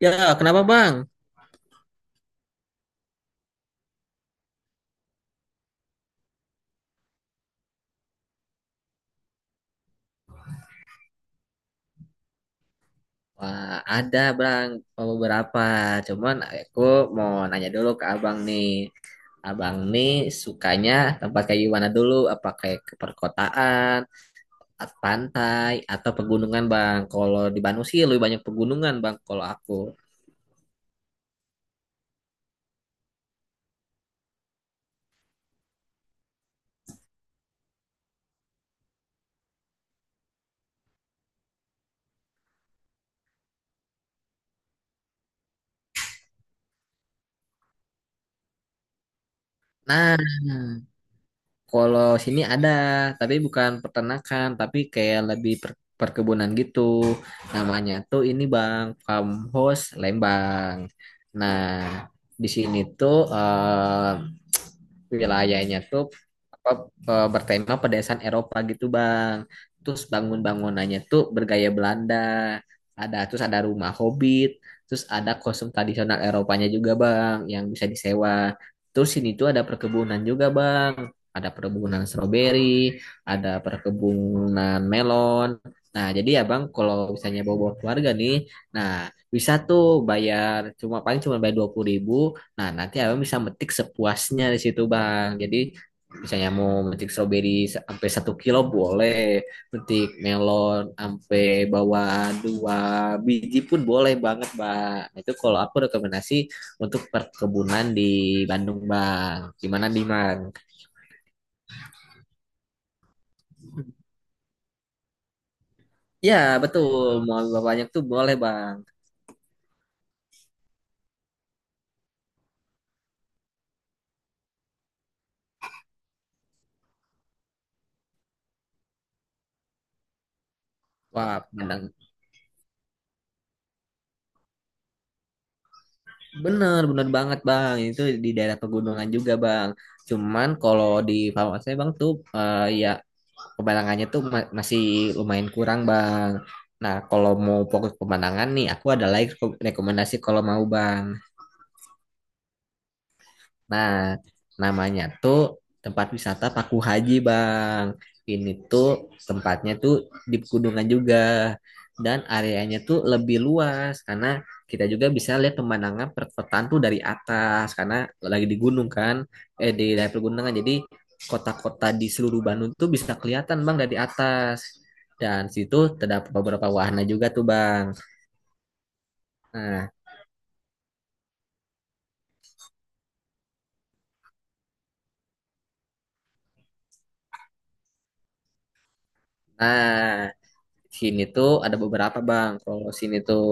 Ya, kenapa Bang? Wah, ada Bang beberapa. Cuman aku mau nanya dulu ke Abang nih. Abang nih sukanya tempat kayak gimana dulu? Apa kayak ke perkotaan, pantai, atau pegunungan Bang? Kalau di Bandung sih lebih banyak pegunungan Bang kalau aku. Nah, kalau sini ada, tapi bukan peternakan, tapi kayak lebih perkebunan gitu. Namanya tuh ini Bang, Farmhouse Lembang. Nah, di sini tuh wilayahnya tuh apa, bertema pedesaan Eropa gitu Bang. Terus bangun-bangunannya tuh bergaya Belanda. Terus ada rumah hobbit, terus ada kostum tradisional Eropanya juga Bang yang bisa disewa. Terus sini tuh ada perkebunan juga Bang. Ada perkebunan stroberi, ada perkebunan melon. Nah, jadi ya Bang, kalau misalnya bawa-bawa keluarga nih, nah bisa tuh bayar cuma paling cuma bayar 20 ribu. Nah, nanti abang bisa metik sepuasnya di situ, Bang. Jadi, misalnya mau metik stroberi sampai 1 kilo boleh, metik melon sampai bawa 2 biji pun boleh banget, Bang. Nah, itu kalau aku rekomendasi untuk perkebunan di Bandung, Bang. Gimana nih, Bang? Ya, betul. Mau lebih banyak tuh boleh, Bang. Wah, bener, bener, bener banget, Bang. Itu di daerah pegunungan juga, Bang. Cuman kalau di farmasi Bang tuh ya pemandangannya tuh masih lumayan kurang bang. Nah, kalau mau fokus pemandangan nih, aku ada lagi rekomendasi kalau mau bang. Nah, namanya tuh tempat wisata Paku Haji, Bang. Ini tuh tempatnya tuh di pegunungan juga. Dan areanya tuh lebih luas karena kita juga bisa lihat pemandangan perkotaan tuh dari atas karena lagi di gunung kan, di daerah pegunungan. Jadi kota-kota di seluruh Bandung tuh bisa kelihatan, Bang, dari atas. Dan situ terdapat beberapa wahana juga tuh, Bang. Nah, nah, sini tuh ada beberapa bang. Kalau sini tuh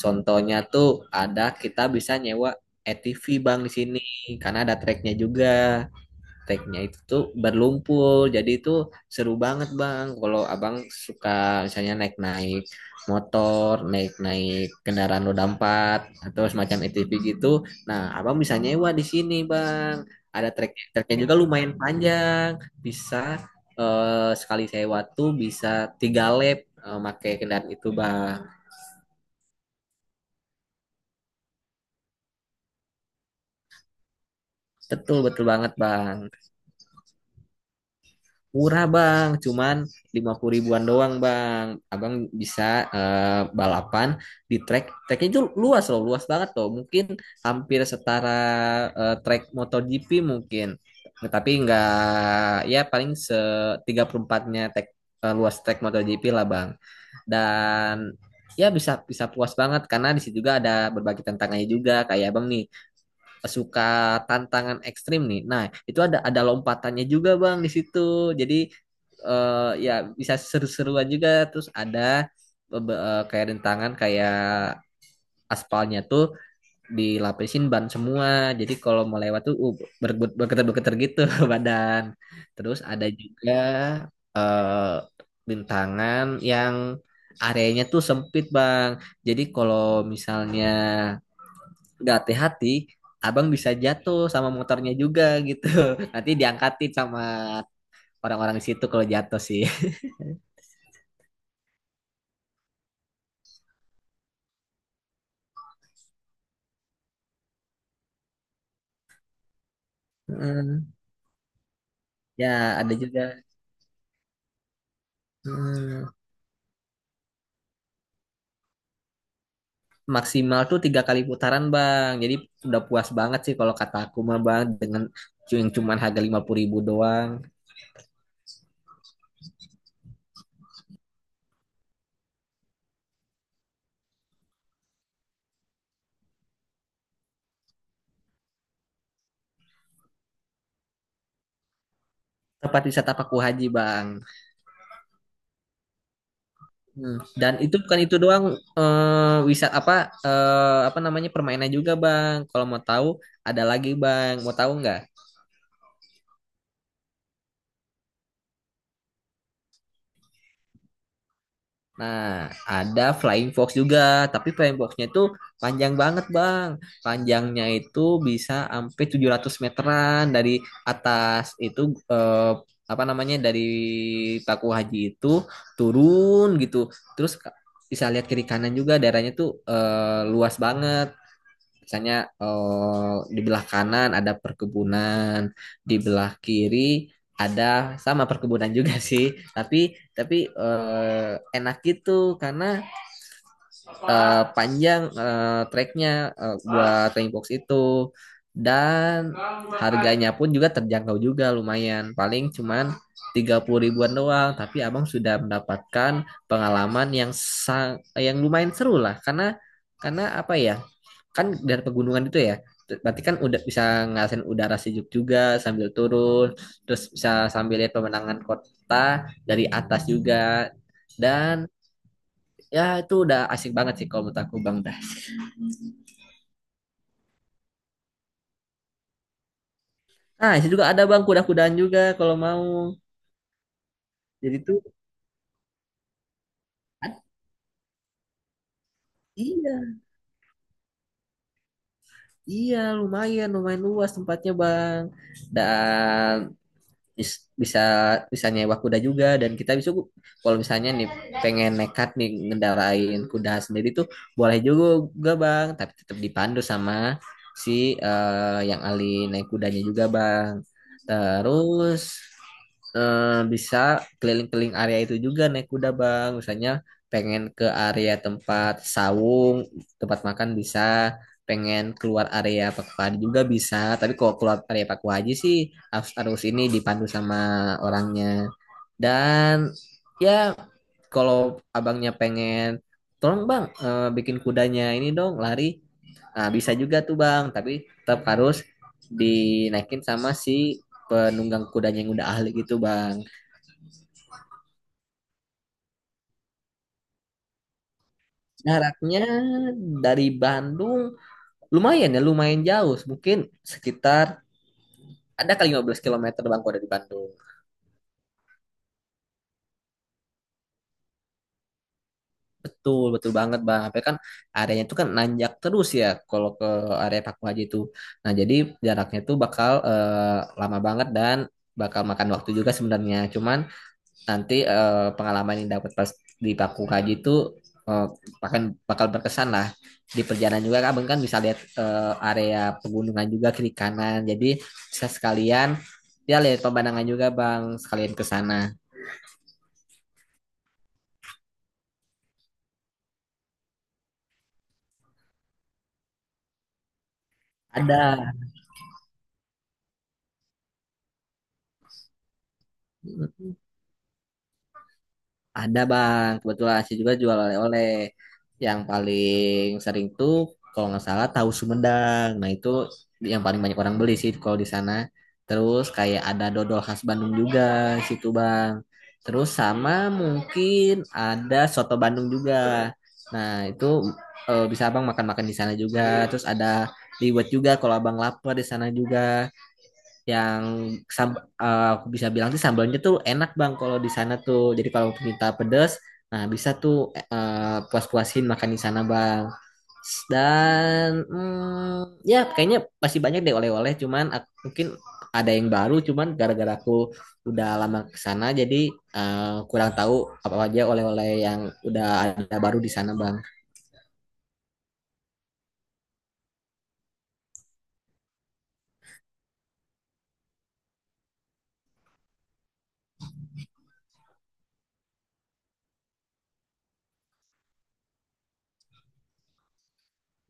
contohnya tuh ada kita bisa nyewa ATV bang di sini karena ada treknya juga, tagnya itu tuh berlumpur jadi itu seru banget bang kalau abang suka misalnya naik naik motor, naik naik kendaraan roda empat atau semacam ATV gitu. Nah, abang bisa nyewa di sini bang, ada treknya juga lumayan panjang. Bisa sekali sewa tuh bisa 3 lap pakai kendaraan itu bang. Betul betul banget bang. Murah bang, cuman 50 ribuan doang bang. Abang bisa balapan di track. Tracknya itu luas loh, luas banget loh. Mungkin hampir setara track MotoGP mungkin. Nah, tapi nggak, ya paling 34-nya track, luas track MotoGP lah bang. Dan ya bisa bisa puas banget karena di situ juga ada berbagai tantangannya juga, kayak abang nih suka tantangan ekstrim nih. Nah, itu ada lompatannya juga bang di situ. Jadi ya bisa seru-seruan juga. Terus ada kayak rintangan, kayak aspalnya tuh dilapisin ban semua. Jadi kalau mau lewat tuh bergetar-bergetar gitu badan. Terus ada juga eh, rintangan yang areanya tuh sempit bang. Jadi kalau misalnya nggak hati-hati abang bisa jatuh sama motornya juga gitu nanti diangkatin sama orang-orang di situ kalau jatuh sih. Hmm, ya ada juga. Hmm, maksimal tuh 3 kali putaran bang, jadi udah puas banget sih kalau kata aku mah bang, dengan yang cuman harga 50 ribu doang. Tempat wisata Paku Haji bang. Dan itu bukan itu doang. Wisata apa, apa namanya permainan juga bang, kalau mau tahu, ada lagi bang, mau tahu nggak? Nah, ada flying fox juga, tapi flying foxnya itu panjang banget, Bang. Panjangnya itu bisa sampai 700 meteran dari atas itu, eh, apa namanya, dari Paku Haji itu turun gitu. Terus bisa lihat kiri kanan juga, daerahnya tuh luas banget. Misalnya di belah kanan ada perkebunan, di belah kiri ada sama perkebunan juga sih, tapi enak gitu karena panjang treknya, buat training box itu. Dan harganya pun juga terjangkau juga, lumayan, paling cuman 30 ribuan doang, tapi abang sudah mendapatkan pengalaman yang lumayan seru lah, karena apa ya, kan dari pegunungan itu ya, berarti kan udah bisa ngerasain udara sejuk juga sambil turun, terus bisa sambil lihat pemandangan kota dari atas juga. Dan ya itu udah asik banget sih kalau menurut aku Bang Dah. Nah, itu juga ada Bang kuda-kudaan juga kalau mau. Jadi tuh ad- iya, iya lumayan lumayan luas tempatnya Bang. Dan bis- bisa bisa nyewa kuda juga, dan kita bisa kalau misalnya nih pengen nekat nih ngendarain kuda sendiri tuh boleh juga bang, tapi tetap dipandu sama si yang ahli naik kudanya juga bang. Terus bisa keliling-keliling area itu juga naik kuda bang. Misalnya pengen ke area tempat sawung, tempat makan bisa, pengen keluar area Pak Wadi juga bisa, tapi kalau keluar area Pak Haji sih arus arus ini dipandu sama orangnya. Dan ya kalau abangnya pengen, tolong bang bikin kudanya ini dong lari, nah, bisa juga tuh bang, tapi tetap harus dinaikin sama si penunggang kudanya yang udah ahli gitu bang. Jaraknya dari Bandung lumayan, ya lumayan jauh, mungkin sekitar ada kali 15 km bang kalau dari Bandung. Betul, betul banget Bang. Tapi kan areanya itu kan nanjak terus ya kalau ke area Paku Haji itu. Nah, jadi jaraknya tuh bakal lama banget dan bakal makan waktu juga sebenarnya. Cuman nanti pengalaman yang dapat pas di Paku Haji itu eh, akan bakal berkesan lah. Di perjalanan juga Abang kan bisa lihat area pegunungan juga kiri kanan. Jadi bisa sekalian ya lihat pemandangan juga Bang, sekalian ke sana. Ada. Ada bang, kebetulan saya juga jual oleh-oleh. Yang paling sering tuh kalau nggak salah tahu Sumedang. Nah itu yang paling banyak orang beli sih kalau di sana. Terus kayak ada dodol khas Bandung juga di situ bang. Terus sama mungkin ada soto Bandung juga. Nah itu bisa abang makan-makan di sana juga. Terus ada liwet juga kalau abang lapar di sana juga, yang aku bisa bilang sih sambalnya tuh enak bang kalau di sana tuh, jadi kalau minta pedas nah bisa tuh puas-puasin makan di sana bang. Dan hmm, ya kayaknya masih banyak deh oleh-oleh, cuman mungkin ada yang baru, cuman gara-gara aku udah lama ke sana jadi kurang tahu apa aja oleh-oleh yang udah ada baru di sana bang.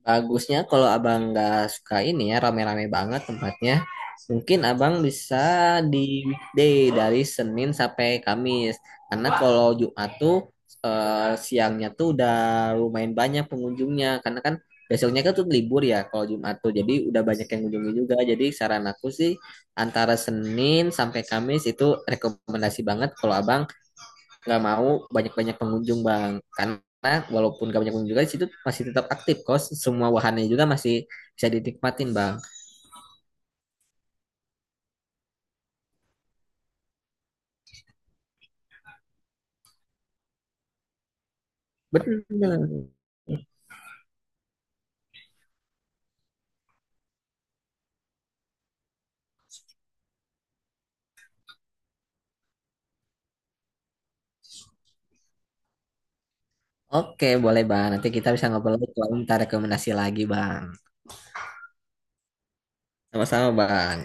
Bagusnya kalau abang nggak suka ini ya rame-rame banget tempatnya, mungkin abang bisa di weekday dari Senin sampai Kamis. Karena kalau Jumat tuh siangnya tuh udah lumayan banyak pengunjungnya. Karena kan besoknya kan tuh libur ya kalau Jumat tuh. Jadi udah banyak yang mengunjungi juga. Jadi saran aku sih antara Senin sampai Kamis itu rekomendasi banget kalau abang nggak mau banyak-banyak pengunjung bang, karena walaupun gak banyak pengunjung juga di situ masih tetap aktif kos, semua wahannya juga masih bisa dinikmatin bang. Benar. Oke boleh bang, nanti kita bisa ngobrol lagi kalau minta rekomendasi lagi bang. Sama-sama bang.